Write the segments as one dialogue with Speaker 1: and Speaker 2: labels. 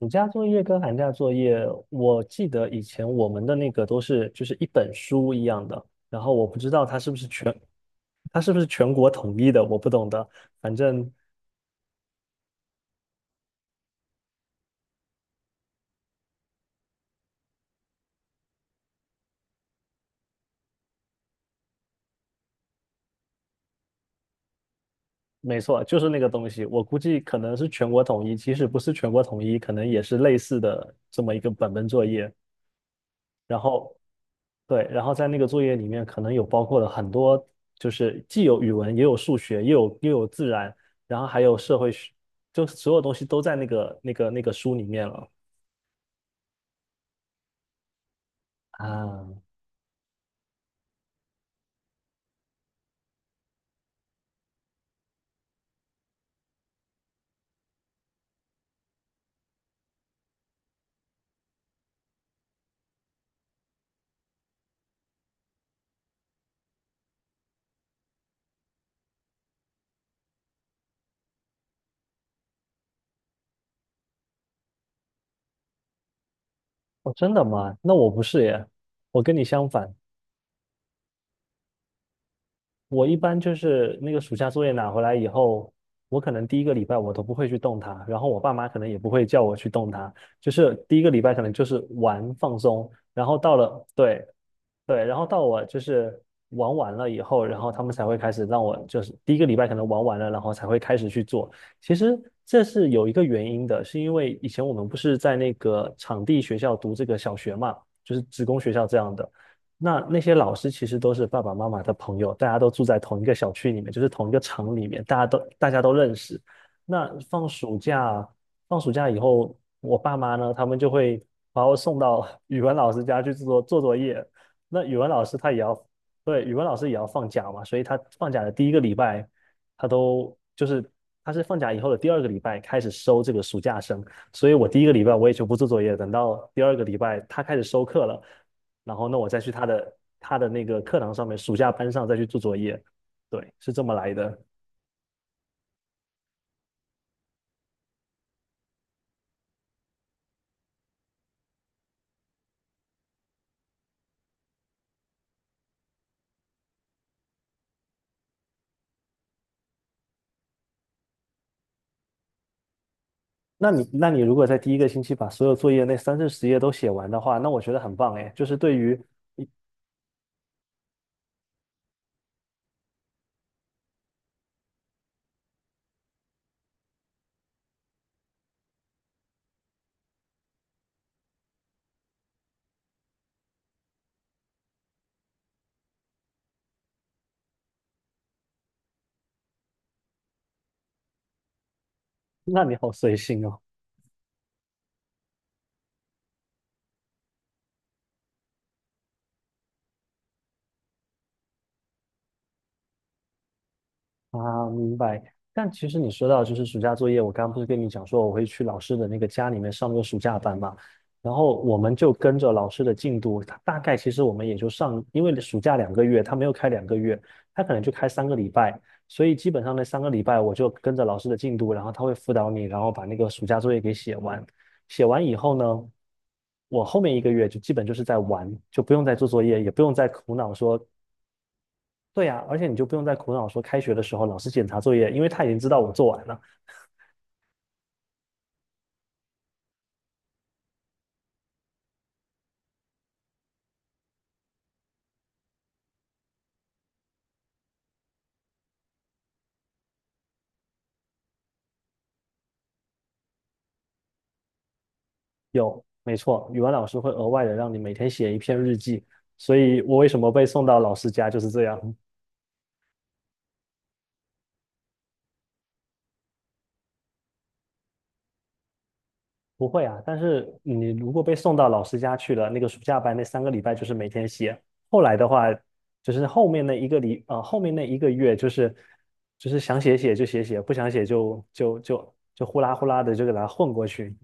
Speaker 1: 暑假作业跟寒假作业，我记得以前我们的那个都是就是一本书一样的，然后我不知道它是不是全国统一的，我不懂得，反正没错，就是那个东西，我估计可能是全国统一，即使不是全国统一，可能也是类似的这么一个本本作业。然后对，然后在那个作业里面可能有包括了很多，就是既有语文，也有数学，也有又有自然，然后还有社会学，就所有东西都在那个书里面了。啊！哦，真的吗？那我不是耶，我跟你相反，我一般就是那个暑假作业拿回来以后，我可能第一个礼拜我都不会去动它，然后我爸妈可能也不会叫我去动它，就是第一个礼拜可能就是玩放松，然后到了，对，对，然后到我就是玩完了以后，然后他们才会开始让我就是第一个礼拜可能玩完了，然后才会开始去做。其实这是有一个原因的，是因为以前我们不是在那个场地学校读这个小学嘛，就是职工学校这样的。那些老师其实都是爸爸妈妈的朋友，大家都住在同一个小区里面，就是同一个厂里面，大家都认识。那放暑假，放暑假以后，我爸妈呢，他们就会把我送到语文老师家去做做作业。那语文老师他也要，对，语文老师也要放假嘛，所以他放假的第一个礼拜，他都就是他是放假以后的第二个礼拜开始收这个暑假生，所以我第一个礼拜我也就不做作业，等到第二个礼拜他开始收课了，然后那我再去他的那个课堂上面暑假班上再去做作业，对，是这么来的。那你如果在第一个星期把所有作业那三四十页都写完的话，那我觉得很棒哎，就是对于，那你好随性哦。啊，明白。但其实你说到就是暑假作业，我刚刚不是跟你讲说我会去老师的那个家里面上那个暑假班嘛，然后我们就跟着老师的进度，他大概其实我们也就上，因为暑假两个月，他没有开两个月，他可能就开三个礼拜，所以基本上那三个礼拜我就跟着老师的进度，然后他会辅导你，然后把那个暑假作业给写完。写完以后呢，我后面一个月就基本就是在玩，就不用再做作业，也不用再苦恼说对呀，而且你就不用再苦恼说开学的时候老师检查作业，因为他已经知道我做完了。有，没错，语文老师会额外的让你每天写一篇日记，所以我为什么被送到老师家就是这样。不会啊，但是你如果被送到老师家去了，那个暑假班那三个礼拜就是每天写，后来的话就是后面那一个礼，后面那一个月就是就是想写写就写写，不想写就呼啦呼啦的就给它混过去。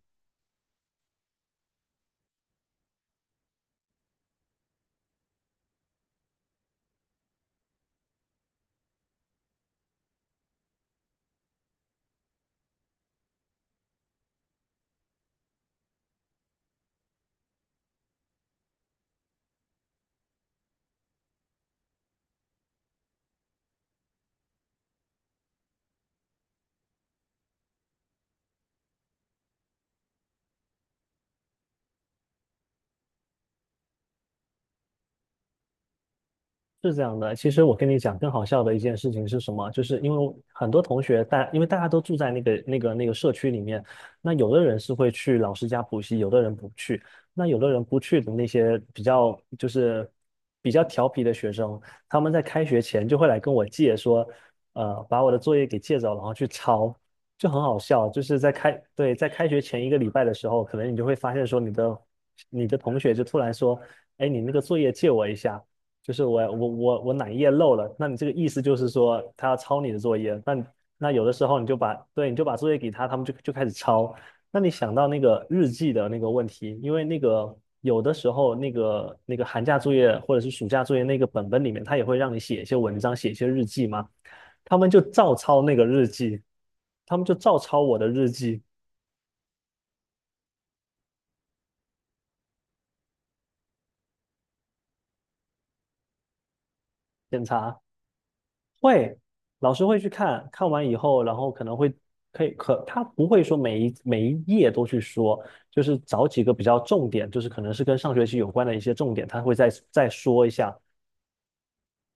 Speaker 1: 是这样的，其实我跟你讲，更好笑的一件事情是什么？就是因为很多同学大，因为大家都住在那个社区里面，那有的人是会去老师家补习，有的人不去，那有的人不去的那些比较就是比较调皮的学生，他们在开学前就会来跟我借说，把我的作业给借走，然后去抄，就很好笑。就是在开，对，在开学前一个礼拜的时候，可能你就会发现说，你的同学就突然说，哎，你那个作业借我一下。就是我哪一页漏了，那你这个意思就是说他要抄你的作业，那有的时候你就把，对，你就把作业给他，他们就开始抄。那你想到那个日记的那个问题，因为那个有的时候那个寒假作业或者是暑假作业那个本本里面，他也会让你写一些文章，写一些日记嘛，他们就照抄那个日记，他们就照抄我的日记。检查。会，老师会去看完以后，然后可能会可以可他不会说每一页都去说，就是找几个比较重点，就是可能是跟上学期有关的一些重点，他会再说一下。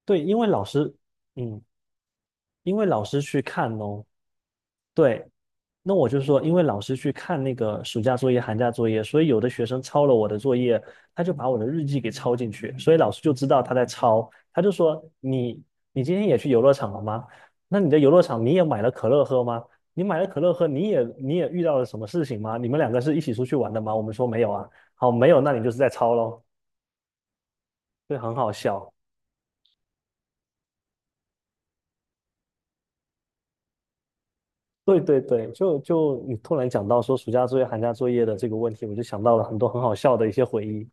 Speaker 1: 对，因为老师，嗯，因为老师去看哦，对，那我就说，因为老师去看那个暑假作业、寒假作业，所以有的学生抄了我的作业，他就把我的日记给抄进去，所以老师就知道他在抄，他就说你你今天也去游乐场了吗？那你的游乐场你也买了可乐喝吗？你买了可乐喝，你也遇到了什么事情吗？你们两个是一起出去玩的吗？我们说没有啊，好，没有，那你就是在抄喽，以很好笑。对对对，就你突然讲到说暑假作业、寒假作业的这个问题，我就想到了很多很好笑的一些回忆。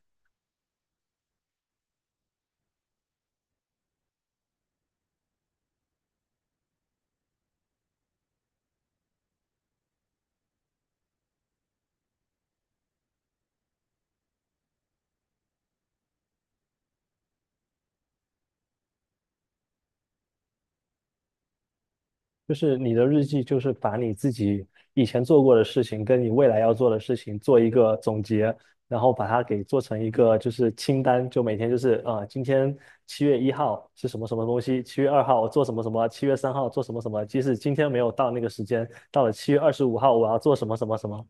Speaker 1: 就是你的日记，就是把你自己以前做过的事情，跟你未来要做的事情做一个总结，然后把它给做成一个就是清单，就每天就是今天7月1号是什么什么东西，7月2号我做什么什么，7月3号做什么什么。即使今天没有到那个时间，到了7月25号我要做什么什么什么，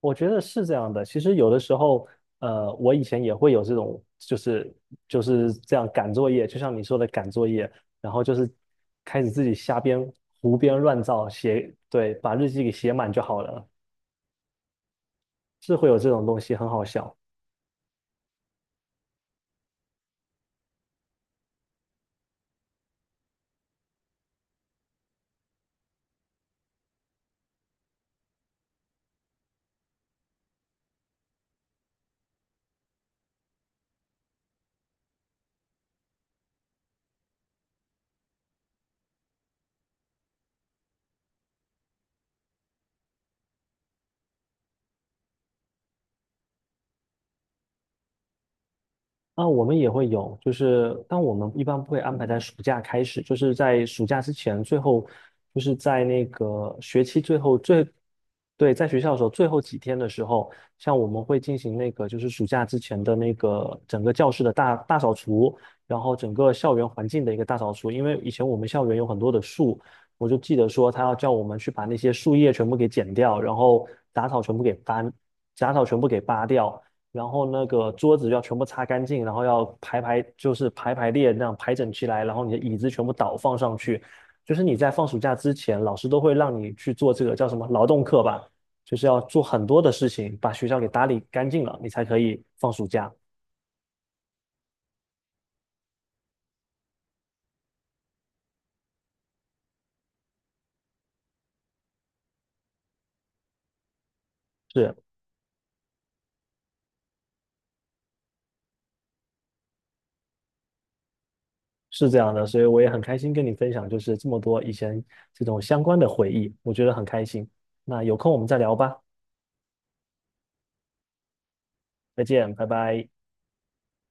Speaker 1: 我觉得是这样的。其实有的时候，我以前也会有这种，就是就是这样赶作业，就像你说的赶作业，然后就是开始自己瞎编、胡编乱造写，对，把日记给写满就好了，是会有这种东西，很好笑。啊，我们也会有，就是，但我们一般不会安排在暑假开始，就是在暑假之前，最后就是在那个学期最后最，对，在学校的时候最后几天的时候，像我们会进行那个就是暑假之前的那个整个教室的大扫除，然后整个校园环境的一个大扫除，因为以前我们校园有很多的树，我就记得说他要叫我们去把那些树叶全部给剪掉，然后杂草全部给搬，杂草全部给扒掉。然后那个桌子要全部擦干净，然后要排排，就是排排列那样排整齐来，然后你的椅子全部倒放上去。就是你在放暑假之前，老师都会让你去做这个叫什么劳动课吧，就是要做很多的事情，把学校给打理干净了，你才可以放暑假。是是这样的，所以我也很开心跟你分享，就是这么多以前这种相关的回忆，我觉得很开心。那有空我们再聊吧，再见，拜拜。